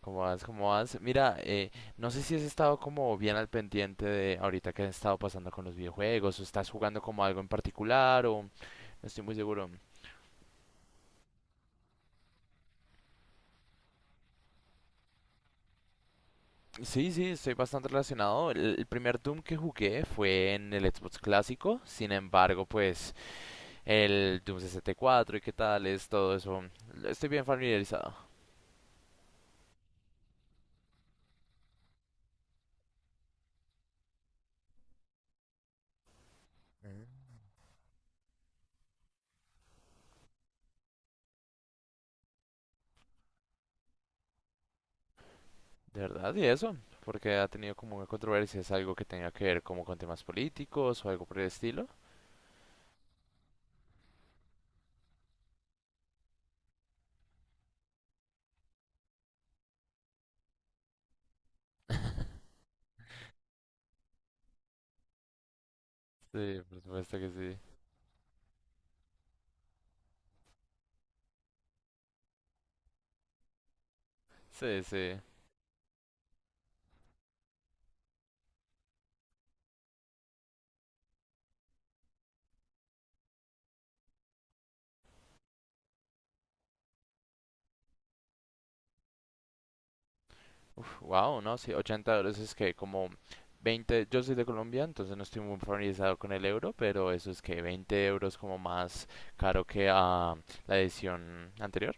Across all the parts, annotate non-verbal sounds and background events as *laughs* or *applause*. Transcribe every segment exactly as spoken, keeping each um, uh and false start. ¿Cómo vas? ¿Cómo vas? Mira, eh, no sé si has estado como bien al pendiente de ahorita que has estado pasando con los videojuegos, o estás jugando como algo en particular, o no estoy muy seguro. Sí, sí, estoy bastante relacionado. El, el primer Doom que jugué fue en el Xbox clásico, sin embargo, pues el Doom sesenta y cuatro y cuatro y qué tal es todo eso, estoy bien familiarizado. Mm. ¿De verdad? Y eso, porque ha tenido como una controversia? ¿Es algo que tenga que ver como con temas políticos o algo por el estilo? *laughs* Sí, por supuesto que sí. Sí, sí. Wow, no, sí, ochenta dólares es que como veinte. Yo soy de Colombia, entonces no estoy muy familiarizado con el euro, pero eso es que veinte euros como más caro que ah, la edición anterior.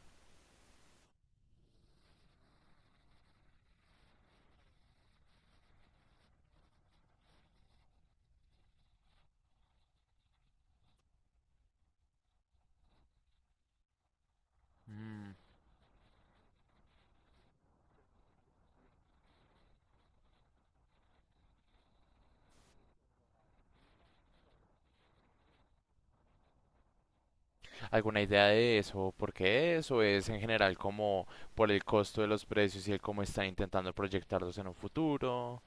Mm, ¿alguna idea de eso? ¿Por qué eso es en general como por el costo de los precios y el cómo están intentando proyectarlos en un futuro?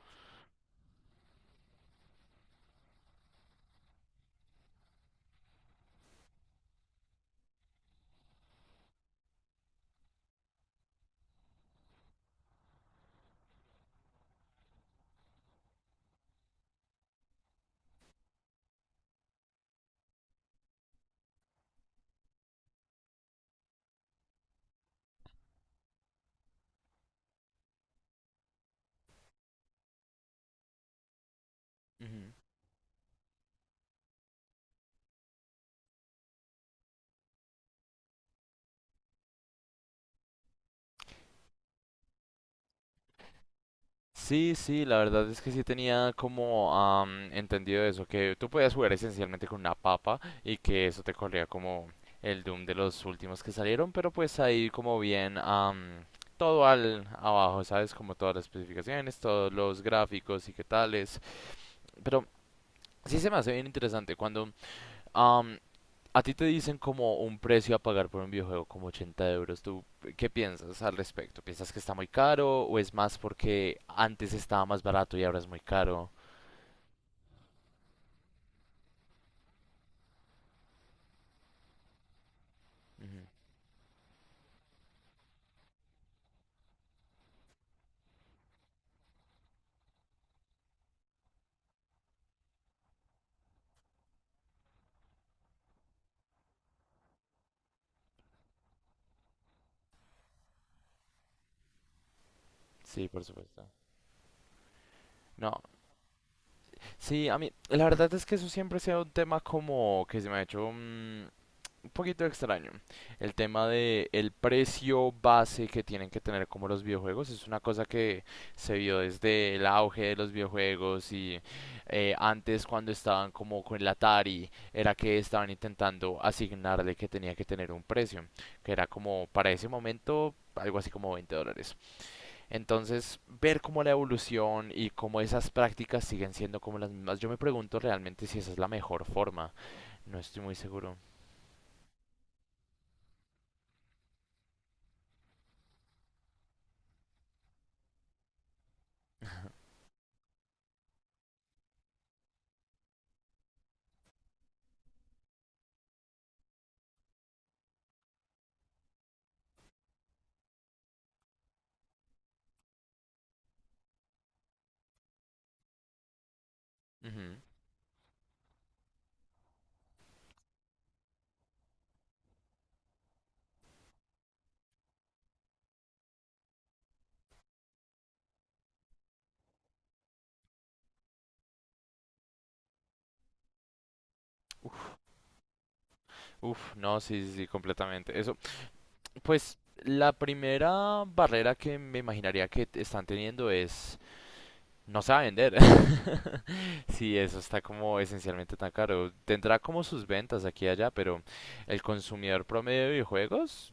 Ujú. Sí, sí, la verdad es que sí tenía como am, entendido eso, que tú podías jugar esencialmente con una papa y que eso te corría como el Doom de los últimos que salieron, pero pues ahí como bien am, todo al abajo, ¿sabes? Como todas las especificaciones, todos los gráficos y qué tales. Pero sí se me hace bien interesante cuando am, a ti te dicen como un precio a pagar por un videojuego como ochenta euros. ¿Tú qué piensas al respecto? ¿Piensas que está muy caro o es más porque antes estaba más barato y ahora es muy caro? Ujú. Sí, por supuesto. No, sí, a mí, la verdad es que eso siempre ha sido un tema como que se me ha hecho, mm, poquito extraño. El tema de el precio base que tienen que tener como los videojuegos es una cosa que se vio desde el auge de los videojuegos y eh, antes cuando estaban como con el Atari era que estaban intentando asignarle que tenía que tener un precio, que era como para ese momento algo así como veinte dólares. Entonces, ver cómo la evolución y cómo esas prácticas siguen siendo como las mismas, yo me pregunto realmente si esa es la mejor forma. No estoy muy seguro. Ujú. Uf, uf, no, sí, sí, sí, completamente. Eso, pues la primera barrera que me imaginaría que te- están teniendo es no sabe vender. *laughs* Sí, eso está como esencialmente tan caro. Tendrá como sus ventas aquí y allá, pero el consumidor promedio de videojuegos,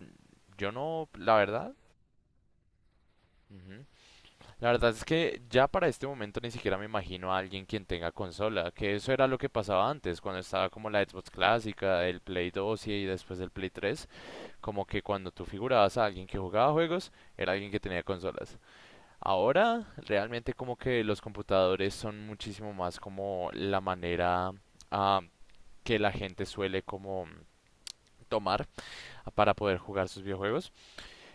yo no, la verdad. Ujú. La verdad es que ya para este momento ni siquiera me imagino a alguien quien tenga consola, que eso era lo que pasaba antes, cuando estaba como la Xbox clásica, el Play dos y después el Play tres. Como que cuando tú figurabas a alguien que jugaba juegos, era alguien que tenía consolas. Ahora, realmente como que los computadores son muchísimo más como la manera ah, que la gente suele como tomar para poder jugar sus videojuegos,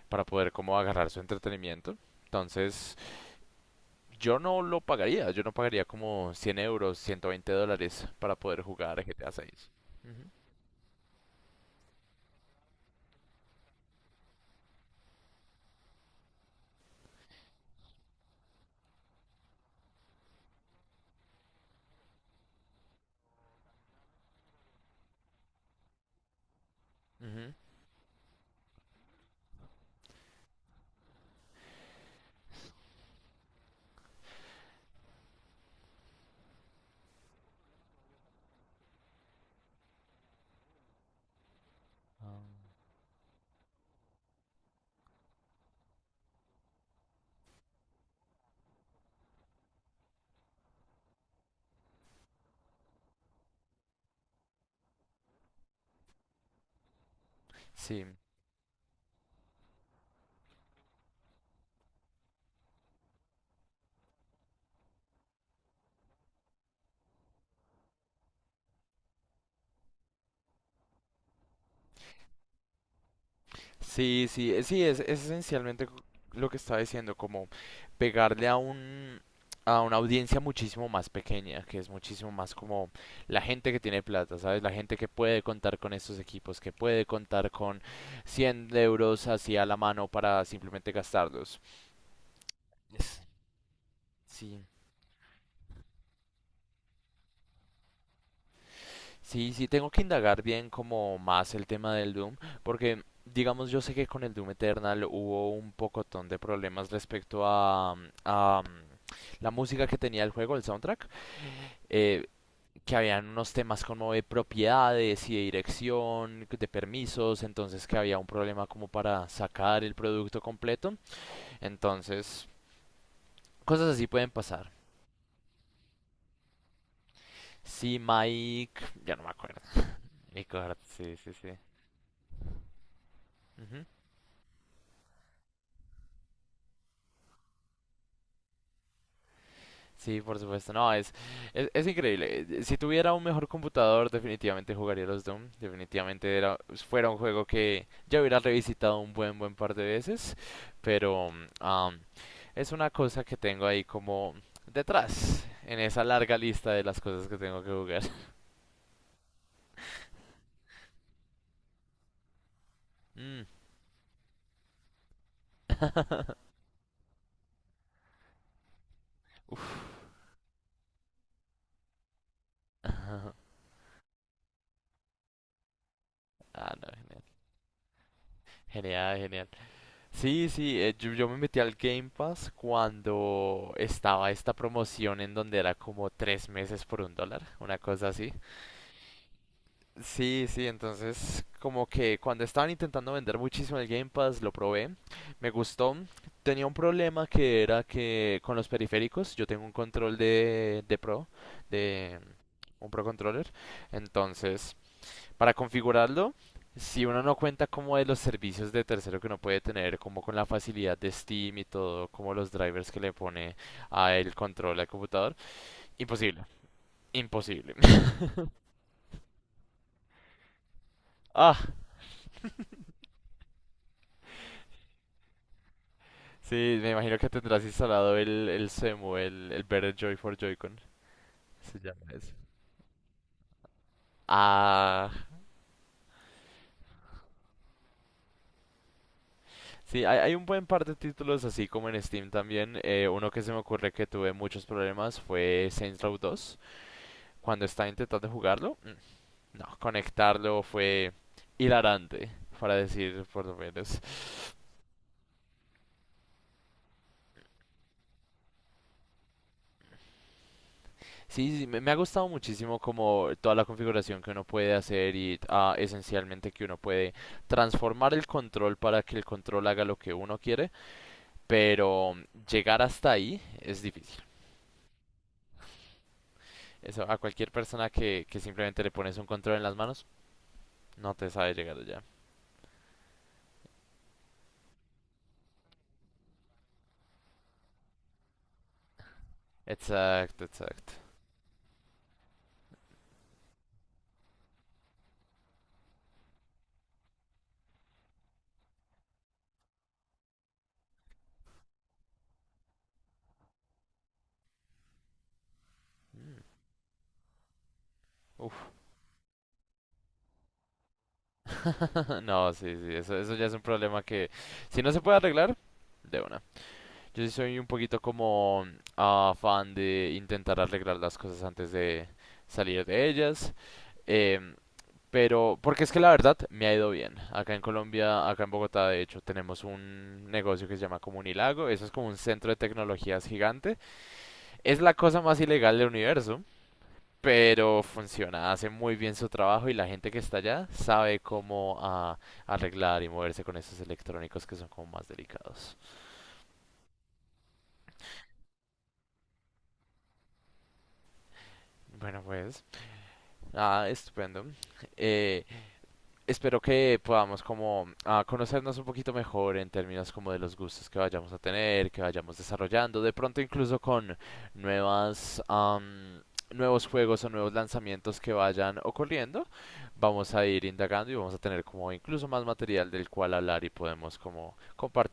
para poder como agarrar su entretenimiento. Entonces, yo no lo pagaría, yo no pagaría como cien euros, ciento veinte dólares para poder jugar G T A seis. Ujú, ujú. Sí, sí, sí, eh, sí, es, es esencialmente co- lo que estaba diciendo, como pegarle a un a una audiencia muchísimo más pequeña, que es muchísimo más como la gente que tiene plata, ¿sabes? La gente que puede contar con estos equipos, que puede contar con cien euros así a la mano para simplemente gastarlos. Es- Sí, sí, sí, tengo que indagar bien como más el tema del Doom, porque digamos yo sé que con el Doom Eternal hubo un pocotón de problemas respecto a, mm, a mm, la música que tenía el juego, el soundtrack, eh, que habían unos temas como de propiedades y de dirección, de permisos, entonces que había un problema como para sacar el producto completo, entonces cosas así pueden pasar. Sí, Mike, ya no me acuerdo. Nicard, sí, sí, sí. Ujú. Sí, por supuesto. No, es, es, es increíble. Eh, Si tuviera un mejor computador, definitivamente jugaría los Doom. Definitivamente era, fuera un juego que ya hubiera revisitado un buen, buen par de veces. Pero am, es una cosa que tengo ahí como detrás, en esa larga lista de las cosas que tengo que jugar. *laughs* Mm. *laughs* Uf. *laughs* Ah, no, genial. Genial, genial. Sí, sí, eh, yo, yo me metí al Game Pass cuando estaba esta promoción en donde era como tres meses por un dólar, una cosa así. Sí, sí, entonces como que cuando estaban intentando vender muchísimo el Game Pass lo probé, me gustó. Tenía un problema que era que con los periféricos, yo tengo un control de, de Pro, de un Pro Controller, entonces... Para configurarlo, si uno no cuenta como de los servicios de tercero que uno puede tener, como con la facilidad de Steam y todo, como los drivers que le pone a el control al computador, imposible, imposible. *laughs* Ah, sí, me imagino que tendrás instalado el, el CEMU, el, el Better Joy for Joy-Con, se llama eso. Ah, sí, hay, hay un buen par de títulos así como en Steam también. Eh, uno que se me ocurre que tuve muchos problemas fue Saints Row dos. Cuando estaba intentando jugarlo, mm, no, conectarlo fue hilarante, para decir por lo menos. Sí, sí, sí, me, me ha gustado muchísimo como toda la configuración que uno puede hacer y ah, esencialmente que uno puede transformar el control para que el control haga lo que uno quiere, pero llegar hasta ahí es difícil. Eso a cualquier persona que, que simplemente le pones un control en las manos, no te sabe llegar allá. Exacto, exacto. Mm. Uf. *laughs* No, sí, sí, eso, eso ya es un problema que si no se puede arreglar, de una. Yo sí soy un poquito como ah, fan de intentar arreglar las cosas antes de salir de ellas. em, pero, porque es que la verdad me ha ido bien. Acá en Colombia, acá en Bogotá, de hecho, tenemos un negocio que se llama Comunilago. Eso es como un centro de tecnologías gigante. Es la cosa más ilegal del universo, pero funciona, hace muy bien su trabajo y la gente que está allá sabe cómo ah, arreglar y moverse con esos electrónicos que son como más delicados. Bueno, pues, ah, estupendo. Eh, espero que podamos como ah, conocernos un poquito mejor en términos como de los gustos que vayamos a tener, que vayamos desarrollando, de pronto incluso con nuevas am, nuevos juegos o nuevos lanzamientos que vayan ocurriendo, vamos a ir indagando y vamos a tener como incluso más material del cual hablar y podemos como compartir